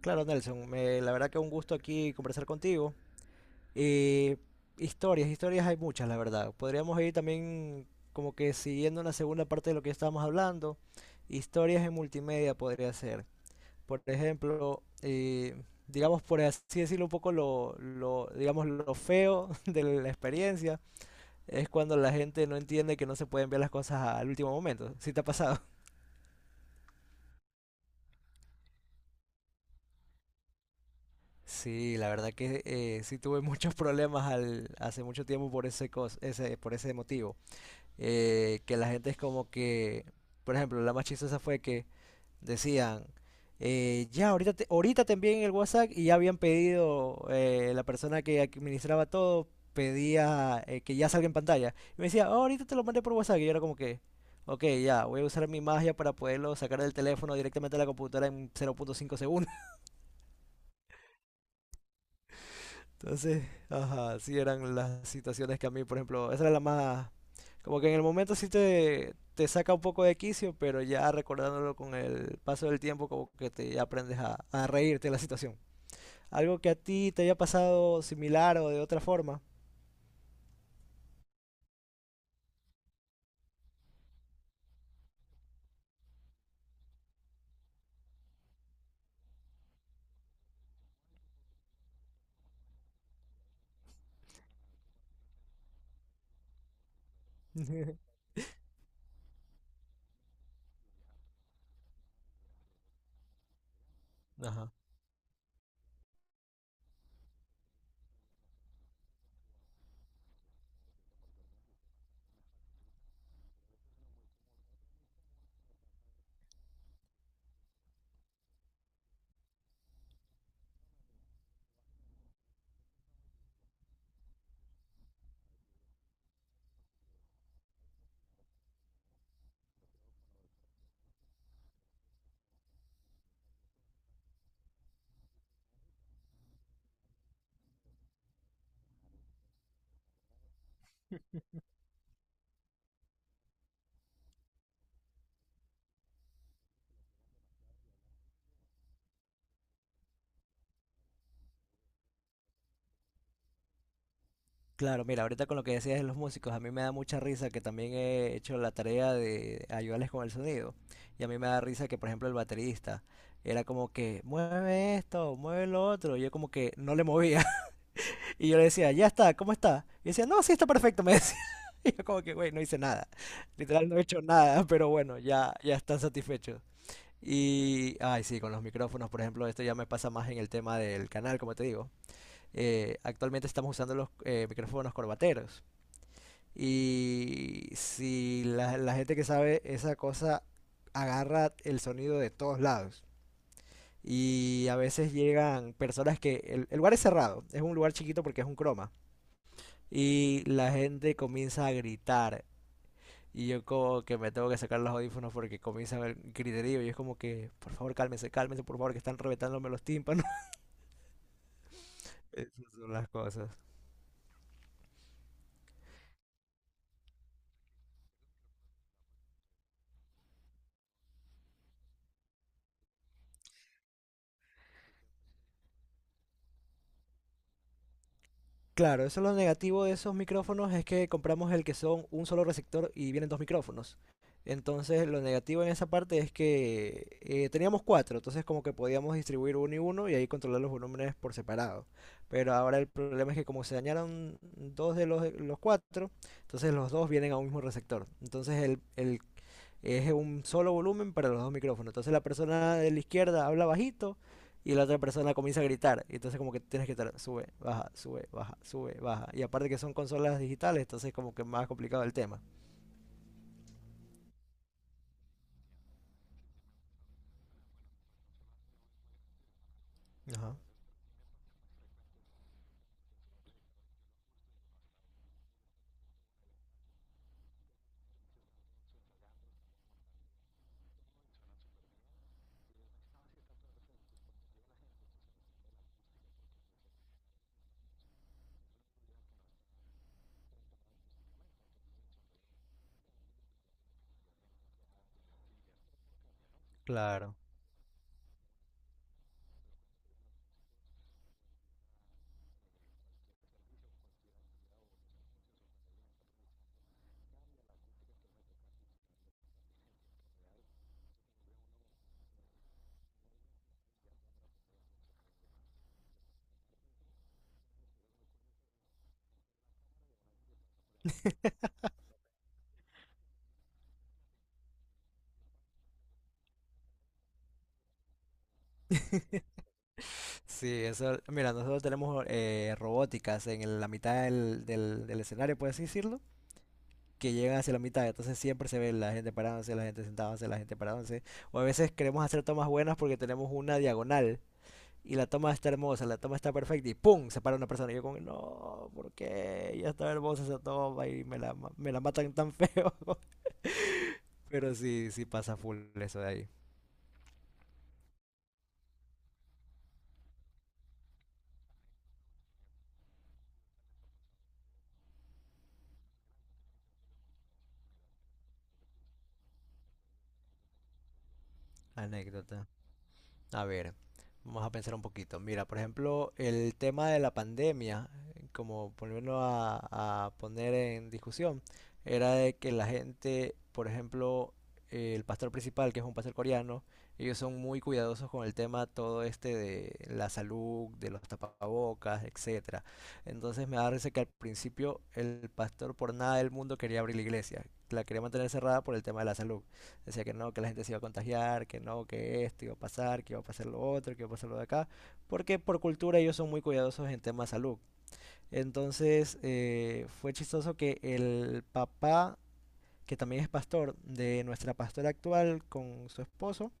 Claro, Nelson, la verdad que un gusto aquí conversar contigo. Y historias hay muchas, la verdad. Podríamos ir también como que siguiendo una segunda parte de lo que estábamos hablando. Historias en multimedia podría ser. Por ejemplo, digamos por así decirlo un poco digamos lo feo de la experiencia es cuando la gente no entiende que no se pueden ver las cosas al último momento. ¿Sí te ha pasado? Sí, la verdad que sí tuve muchos problemas hace mucho tiempo por por ese motivo. Que la gente es como que, por ejemplo, la más chistosa fue que decían, ya, ahorita te envíen el WhatsApp y ya habían pedido, la persona que administraba todo pedía que ya salga en pantalla. Y me decía, "Oh, ahorita te lo mandé por WhatsApp". Y yo era como que, ok, ya, voy a usar mi magia para poderlo sacar del teléfono directamente a la computadora en 0.5 segundos. Entonces, ajá, sí eran las situaciones que a mí, por ejemplo, esa era la más... Como que en el momento sí te saca un poco de quicio, pero ya recordándolo con el paso del tiempo, como que te ya aprendes a reírte de la situación. Algo que a ti te haya pasado similar o de otra forma. Ajá. Claro, mira, ahorita con lo que decías de los músicos, a mí me da mucha risa que también he hecho la tarea de ayudarles con el sonido. Y a mí me da risa que, por ejemplo, el baterista era como que mueve esto, mueve lo otro. Y yo como que no le movía. Y yo le decía, ya está, ¿cómo está? Y decía, no, sí está perfecto, me decía. Y yo como que, güey, no hice nada. Literal no he hecho nada, pero bueno, ya están satisfechos. Y, ay, sí, con los micrófonos, por ejemplo, esto ya me pasa más en el tema del canal, como te digo. Actualmente estamos usando los micrófonos corbateros. Y si la gente que sabe esa cosa agarra el sonido de todos lados. Y a veces llegan personas que... El lugar es cerrado, es un lugar chiquito porque es un croma y la gente comienza a gritar. Y yo como que me tengo que sacar los audífonos porque comienza a haber griterío. Y es como que, por favor, cálmense, cálmense, por favor, que están reventándome los tímpanos. Esas son las cosas. Claro, eso es lo negativo de esos micrófonos, es que compramos el que son un solo receptor y vienen dos micrófonos. Entonces, lo negativo en esa parte es que teníamos cuatro, entonces como que podíamos distribuir uno y uno y ahí controlar los volúmenes por separado. Pero ahora el problema es que como se dañaron dos de los cuatro, entonces los dos vienen a un mismo receptor. Entonces el es un solo volumen para los dos micrófonos. Entonces la persona de la izquierda habla bajito y la otra persona comienza a gritar. Y entonces como que tienes que estar sube, baja, sube, baja, sube, baja. Y aparte que son consolas digitales, entonces como que más complicado el tema. Ajá. Claro. Sí, eso, mira, nosotros tenemos robóticas en la mitad del escenario, puedes decirlo, que llegan hacia la mitad, entonces siempre se ve la gente parándose, la gente sentándose, la gente parándose, o a veces queremos hacer tomas buenas porque tenemos una diagonal, y la toma está hermosa, la toma está perfecta y ¡pum!, se para una persona. Y yo como, no, ¿por qué? Ya está hermosa esa toma y me me la matan tan feo. Pero sí, sí pasa full eso de ahí. Anécdota. A ver, vamos a pensar un poquito. Mira, por ejemplo, el tema de la pandemia, como ponerlo a poner en discusión, era de que la gente, por ejemplo, el pastor principal, que es un pastor coreano, ellos son muy cuidadosos con el tema todo este de la salud, de los tapabocas, etcétera. Entonces me da risa que al principio el pastor por nada del mundo quería abrir la iglesia, la quería mantener cerrada por el tema de la salud. Decía que no, que la gente se iba a contagiar, que no, que esto iba a pasar, que iba a pasar lo otro, que iba a pasar lo de acá, porque por cultura ellos son muy cuidadosos en temas de salud. Entonces fue chistoso que el papá, que también es pastor de nuestra pastora actual con su esposo,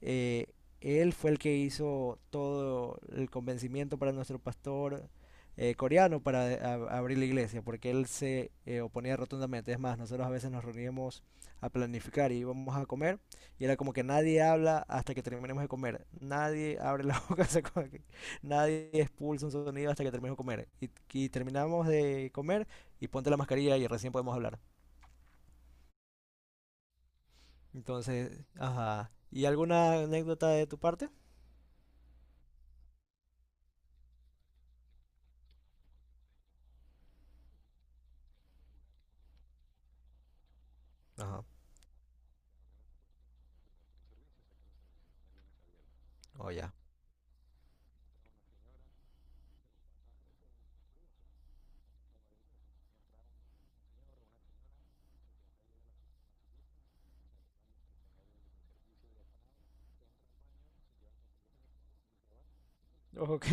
eh, él fue el que hizo todo el convencimiento para nuestro pastor coreano para abrir la iglesia, porque él se oponía rotundamente. Es más, nosotros a veces nos reuníamos a planificar y íbamos a comer, y era como que nadie habla hasta que terminemos de comer. Nadie abre la boca, se come aquí. Nadie expulsa un sonido hasta que terminemos de comer. Y terminamos de comer y ponte la mascarilla y recién podemos hablar. Entonces, ajá. ¿Y alguna anécdota de tu parte? Ajá. Oh, ya. Ok,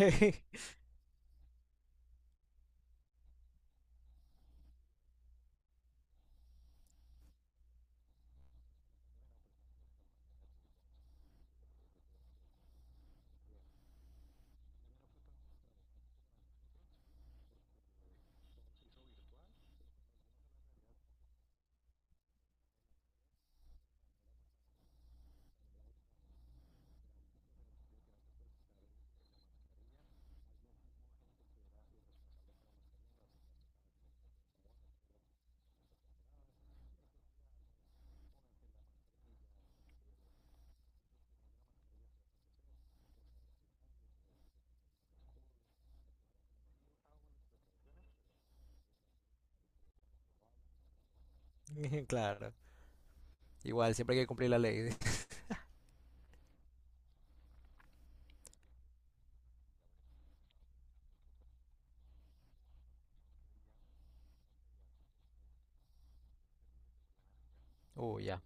claro. Igual, siempre hay que cumplir la ley. Ya.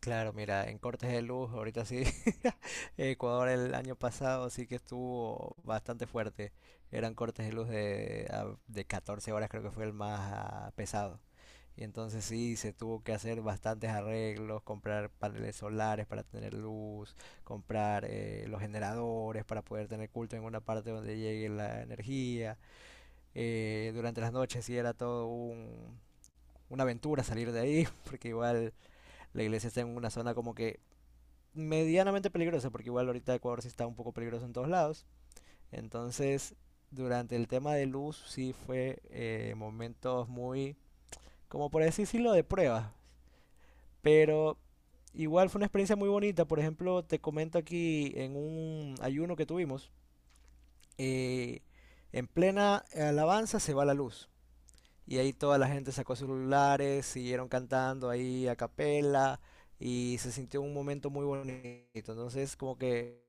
Claro, mira, en cortes de luz, ahorita sí. Ecuador el año pasado sí que estuvo bastante fuerte. Eran cortes de luz de 14 horas, creo que fue el más pesado. Y entonces sí, se tuvo que hacer bastantes arreglos, comprar paneles solares para tener luz, comprar los generadores para poder tener culto en una parte donde llegue la energía. Durante las noches sí era todo una aventura salir de ahí, porque igual la iglesia está en una zona como que medianamente peligrosa, porque igual ahorita Ecuador sí está un poco peligroso en todos lados. Entonces, durante el tema de luz sí fue momentos muy, como por así decirlo, de prueba. Pero igual fue una experiencia muy bonita. Por ejemplo, te comento aquí en un ayuno que tuvimos, eh, en plena alabanza se va la luz. Y ahí toda la gente sacó celulares, siguieron cantando ahí a capela y se sintió un momento muy bonito. Entonces, como que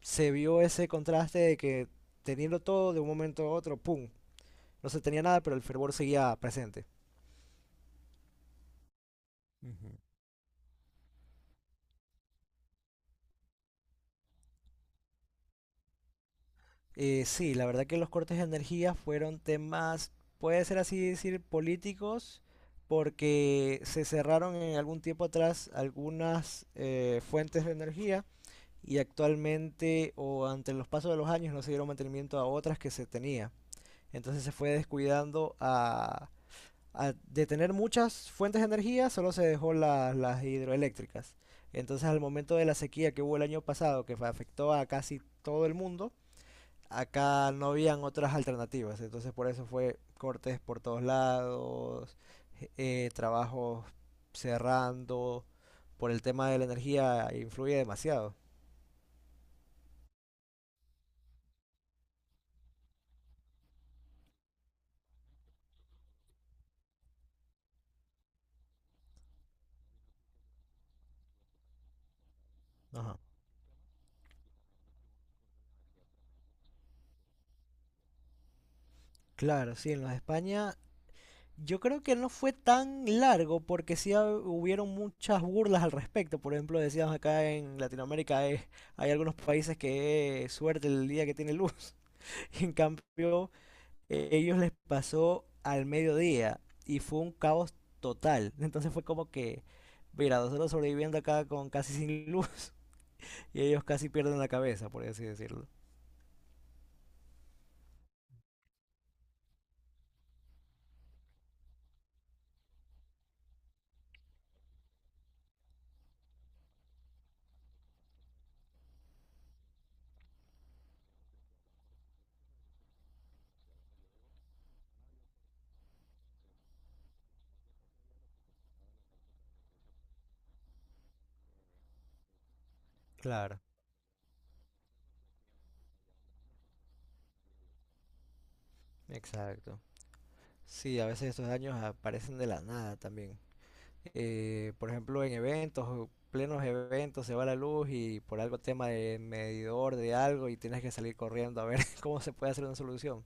se vio ese contraste de que teniendo todo de un momento a otro, ¡pum! No se tenía nada, pero el fervor seguía presente. Ujú. Sí, la verdad que los cortes de energía fueron temas, puede ser así decir, políticos, porque se cerraron en algún tiempo atrás algunas fuentes de energía y actualmente o ante los pasos de los años no se dieron mantenimiento a otras que se tenía. Entonces se fue descuidando de tener muchas fuentes de energía, solo se dejó las hidroeléctricas. Entonces al momento de la sequía que hubo el año pasado, que afectó a casi todo el mundo, acá no habían otras alternativas. Entonces por eso fue cortes por todos lados, trabajos cerrando, por el tema de la energía influye demasiado. Ajá. Claro, sí, en los de España yo creo que no fue tan largo porque sí hubieron muchas burlas al respecto. Por ejemplo, decíamos acá en Latinoamérica hay algunos países que suerte el día que tiene luz. Y en cambio, ellos les pasó al mediodía y fue un caos total. Entonces fue como que, mira, nosotros sobreviviendo acá con casi sin luz y ellos casi pierden la cabeza, por así decirlo. Claro, exacto. Sí, a veces estos daños aparecen de la nada también. Por ejemplo, en eventos, plenos eventos, se va la luz y por algo tema de medidor de algo y tienes que salir corriendo a ver cómo se puede hacer una solución.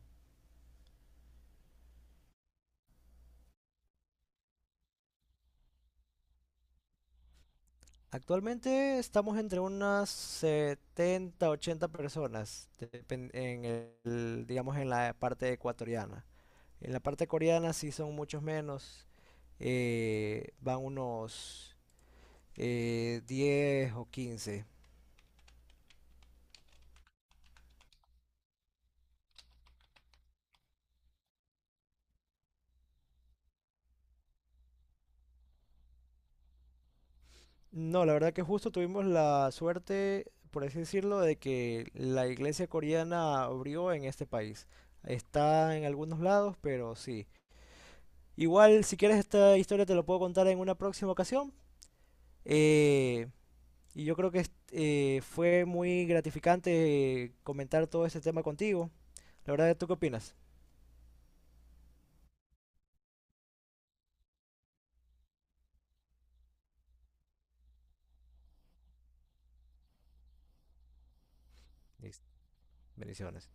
Actualmente estamos entre unas 70, 80 personas, en el, digamos en la parte ecuatoriana. En la parte coreana sí son muchos menos, van unos 10 o 15. No, la verdad que justo tuvimos la suerte, por así decirlo, de que la iglesia coreana abrió en este país. Está en algunos lados, pero sí. Igual, si quieres esta historia te lo puedo contar en una próxima ocasión. Eh, y yo creo que fue muy gratificante comentar todo este tema contigo. La verdad, ¿tú qué opinas? Listo. Bendiciones.